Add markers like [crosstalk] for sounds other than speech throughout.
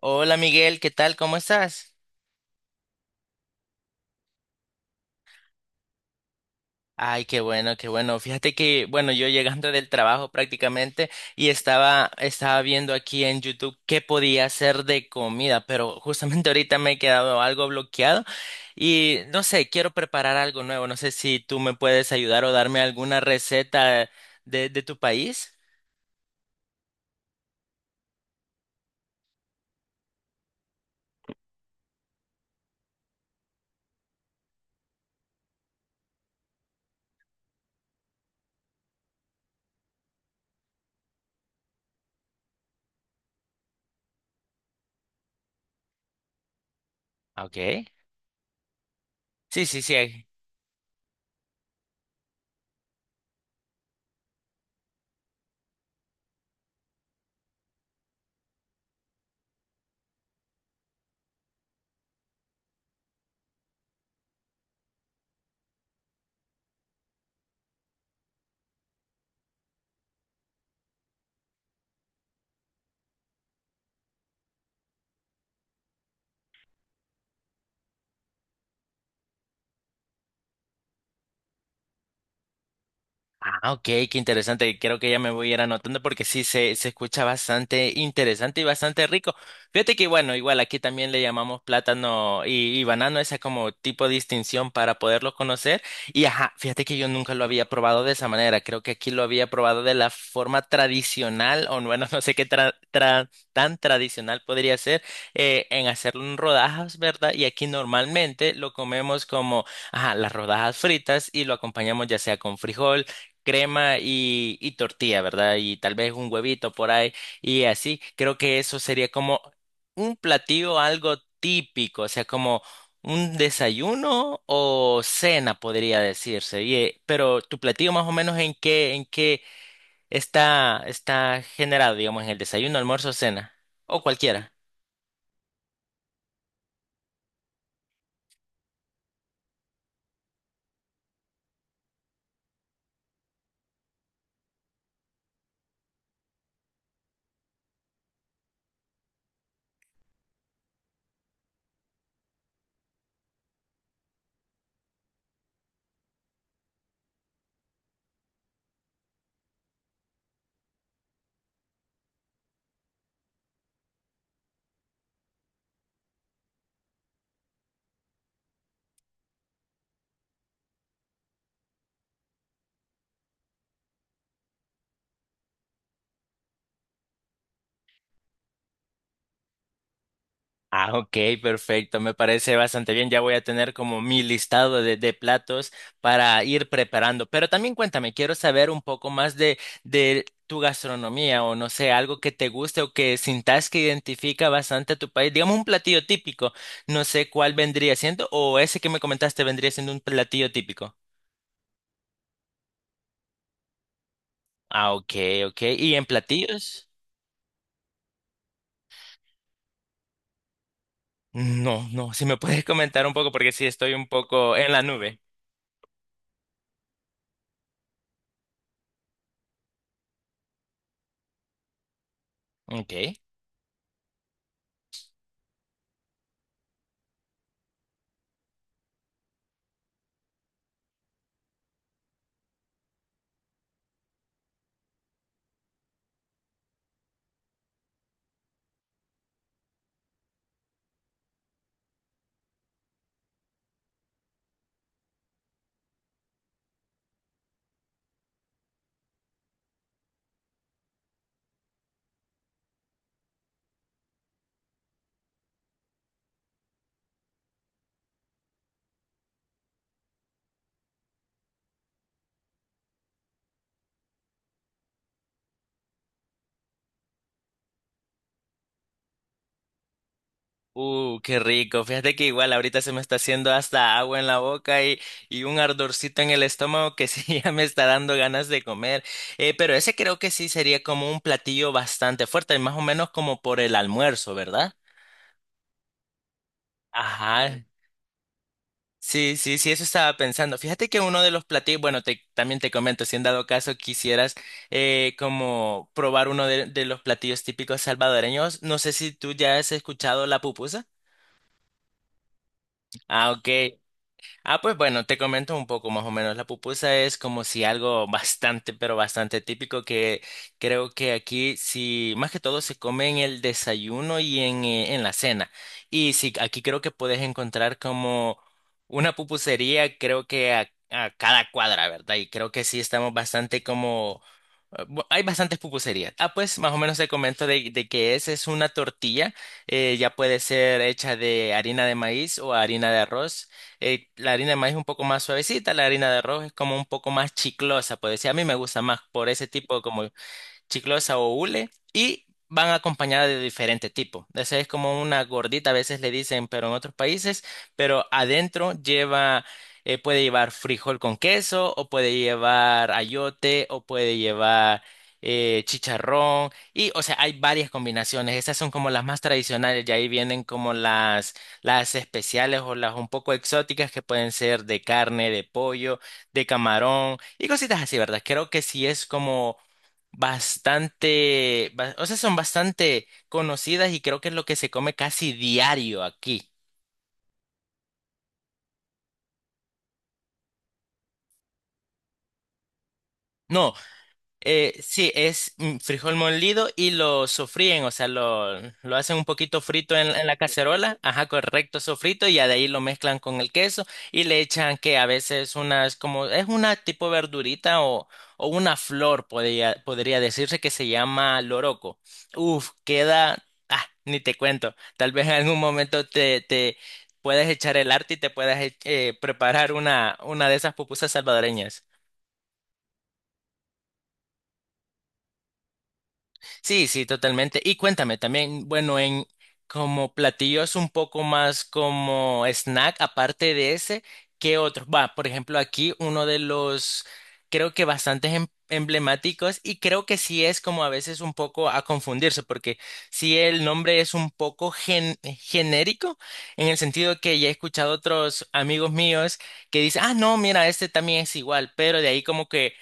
Hola Miguel, ¿qué tal? ¿Cómo estás? Ay, qué bueno, qué bueno. Fíjate que, bueno, yo llegando del trabajo prácticamente y estaba viendo aquí en YouTube qué podía hacer de comida, pero justamente [laughs] ahorita me he quedado algo bloqueado y no sé, quiero preparar algo nuevo. No sé si tú me puedes ayudar o darme alguna receta de tu país. Ah, ok. Sí, sí, sí. Ah, ok, qué interesante. Creo que ya me voy a ir anotando porque sí se escucha bastante interesante y bastante rico. Fíjate que bueno, igual aquí también le llamamos plátano y banano, esa como tipo de distinción para poderlo conocer. Y ajá, fíjate que yo nunca lo había probado de esa manera. Creo que aquí lo había probado de la forma tradicional, o bueno, [laughs] no sé qué tan tradicional podría ser, en hacerlo en rodajas, ¿verdad? Y aquí normalmente lo comemos como, ajá, las rodajas fritas y lo acompañamos ya sea con frijol crema y tortilla, ¿verdad? Y tal vez un huevito por ahí y así. Creo que eso sería como un platillo algo típico, o sea, como un desayuno o cena podría decirse. Y, pero tu platillo más o menos en qué está generado, digamos, en el desayuno, almuerzo, cena o cualquiera. Ah, ok, perfecto, me parece bastante bien. Ya voy a tener como mi listado de platos para ir preparando. Pero también cuéntame, quiero saber un poco más de tu gastronomía o no sé, algo que te guste o que sintas que identifica bastante a tu país. Digamos un platillo típico, no sé cuál vendría siendo o ese que me comentaste vendría siendo un platillo típico. Ah, ok, ok. ¿Y en platillos? No, no, si me puedes comentar un poco porque sí estoy un poco en la nube. Ok. Qué rico. Fíjate que igual ahorita se me está haciendo hasta agua en la boca y un ardorcito en el estómago que sí [laughs] ya me está dando ganas de comer. Pero ese creo que sí sería como un platillo bastante fuerte, más o menos como por el almuerzo, ¿verdad? Ajá. Sí, sí, sí, eso estaba pensando. Fíjate que uno de los platillos, bueno, te, también te comento, si en dado caso quisieras como probar uno de los platillos típicos salvadoreños, no sé si tú ya has escuchado la pupusa. Ah, ok. Ah, pues bueno, te comento un poco más o menos. La pupusa es como si algo bastante, pero bastante típico que creo que aquí sí, más que todo se come en el desayuno y en la cena. Y sí, aquí creo que puedes encontrar como una pupusería, creo que a cada cuadra, ¿verdad? Y creo que sí estamos bastante como... Hay bastantes pupuserías. Ah, pues más o menos te comento de que es una tortilla, ya puede ser hecha de harina de maíz o harina de arroz, la harina de maíz es un poco más suavecita, la harina de arroz es como un poco más chiclosa, pues decir, a mí me gusta más por ese tipo como chiclosa o hule y van acompañadas de diferente tipo. Esa es como una gordita, a veces le dicen, pero en otros países, pero adentro lleva, puede llevar frijol con queso o puede llevar ayote o puede llevar chicharrón y, o sea, hay varias combinaciones. Esas son como las más tradicionales y ahí vienen como las especiales o las un poco exóticas que pueden ser de carne, de pollo, de camarón y cositas así, ¿verdad? Creo que sí es como o sea, son bastante conocidas y creo que es lo que se come casi diario aquí. No, sí, es frijol molido y lo sofríen, o sea, lo hacen un poquito frito en la cacerola, ajá, correcto, sofrito, y ya de ahí lo mezclan con el queso y le echan que a veces unas, como, es una tipo verdurita o una flor, podría, podría decirse que se llama loroco. Uf, queda, ah, ni te cuento, tal vez en algún momento te puedas echar el arte y te puedas preparar una de esas pupusas salvadoreñas. Sí, sí, totalmente. Y cuéntame también, bueno, en como platillos un poco más como snack, aparte de ese, ¿qué otros? Va, por ejemplo, aquí uno de los, creo que bastantes emblemáticos y creo que sí es como a veces un poco a confundirse, porque sí el nombre es un poco genérico, en el sentido que ya he escuchado otros amigos míos que dicen, ah, no, mira, este también es igual, pero de ahí como que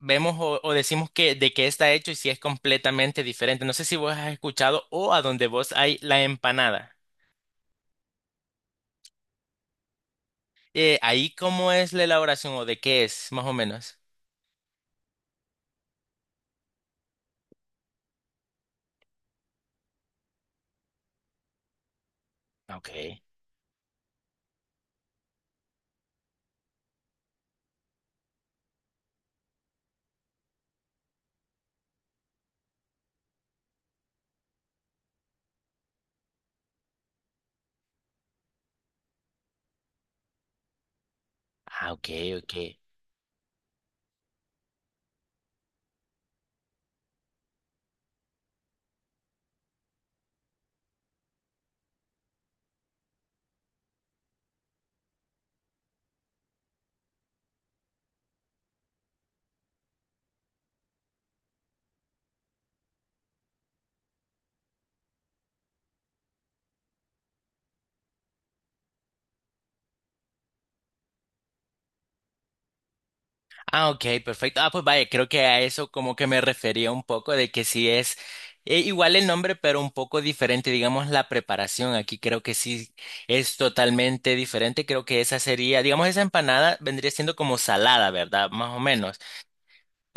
vemos o decimos que de qué está hecho y si es completamente diferente. No sé si vos has escuchado o a donde vos hay la empanada. Ahí cómo es la elaboración o de qué es, más o menos. Ok. Ah, ok, ok. Ah, ok, perfecto. Ah, pues vaya, creo que a eso como que me refería un poco de que sí es igual el nombre, pero un poco diferente, digamos, la preparación. Aquí creo que sí es totalmente diferente. Creo que esa sería, digamos, esa empanada vendría siendo como salada, ¿verdad? Más o menos.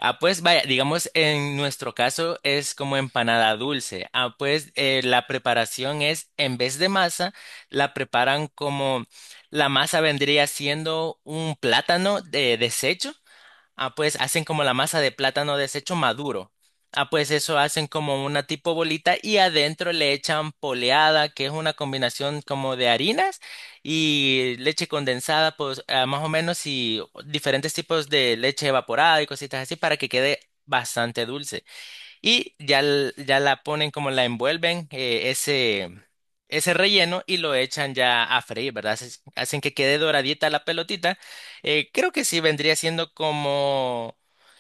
Ah, pues vaya, digamos en nuestro caso es como empanada dulce. Ah, pues la preparación es, en vez de masa, la preparan como la masa vendría siendo un plátano de desecho. Ah, pues hacen como la masa de plátano deshecho maduro. Ah, pues eso hacen como una tipo bolita y adentro le echan poleada, que es una combinación como de harinas y leche condensada, pues ah, más o menos y diferentes tipos de leche evaporada y cositas así para que quede bastante dulce y ya, ya la ponen como la envuelven ese relleno y lo echan ya a freír, ¿verdad? Hacen que quede doradita la pelotita. Creo que sí vendría siendo como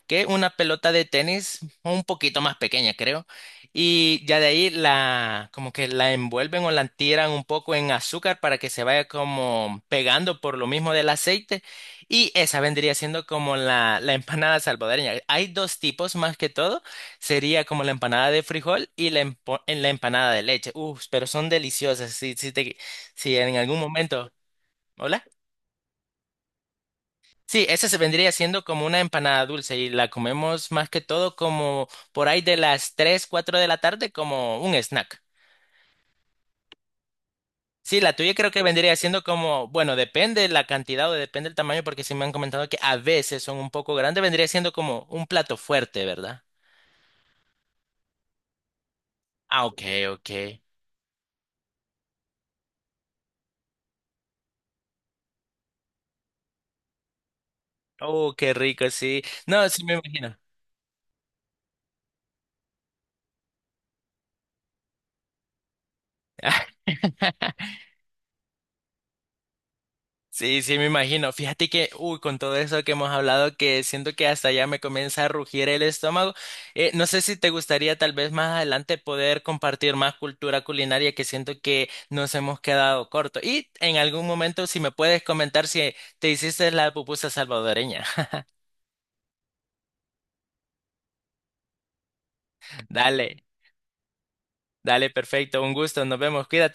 que una pelota de tenis un poquito más pequeña, creo. Y ya de ahí la, como que la envuelven o la tiran un poco en azúcar para que se vaya como pegando por lo mismo del aceite. Y esa vendría siendo como la empanada salvadoreña. Hay dos tipos más que todo. Sería como la empanada de frijol y en la empanada de leche. Uf, pero son deliciosas. Si en algún momento. ¿Hola? Sí, esa se vendría siendo como una empanada dulce y la comemos más que todo como por ahí de las 3, 4 de la tarde como un snack. Sí, la tuya creo que vendría siendo como, bueno, depende la cantidad o depende el tamaño porque sí me han comentado que a veces son un poco grandes, vendría siendo como un plato fuerte, ¿verdad? Ah, ok, ok. Oh, qué rico, sí. No, sí me imagino. [laughs] Sí, sí, me imagino. Fíjate que, uy, con todo eso que hemos hablado, que siento que hasta ya me comienza a rugir el estómago. No sé si te gustaría tal vez más adelante poder compartir más cultura culinaria que siento que nos hemos quedado corto. Y en algún momento, si me puedes comentar si te hiciste la pupusa salvadoreña. [laughs] Dale, dale, perfecto. Un gusto. Nos vemos. Cuídate.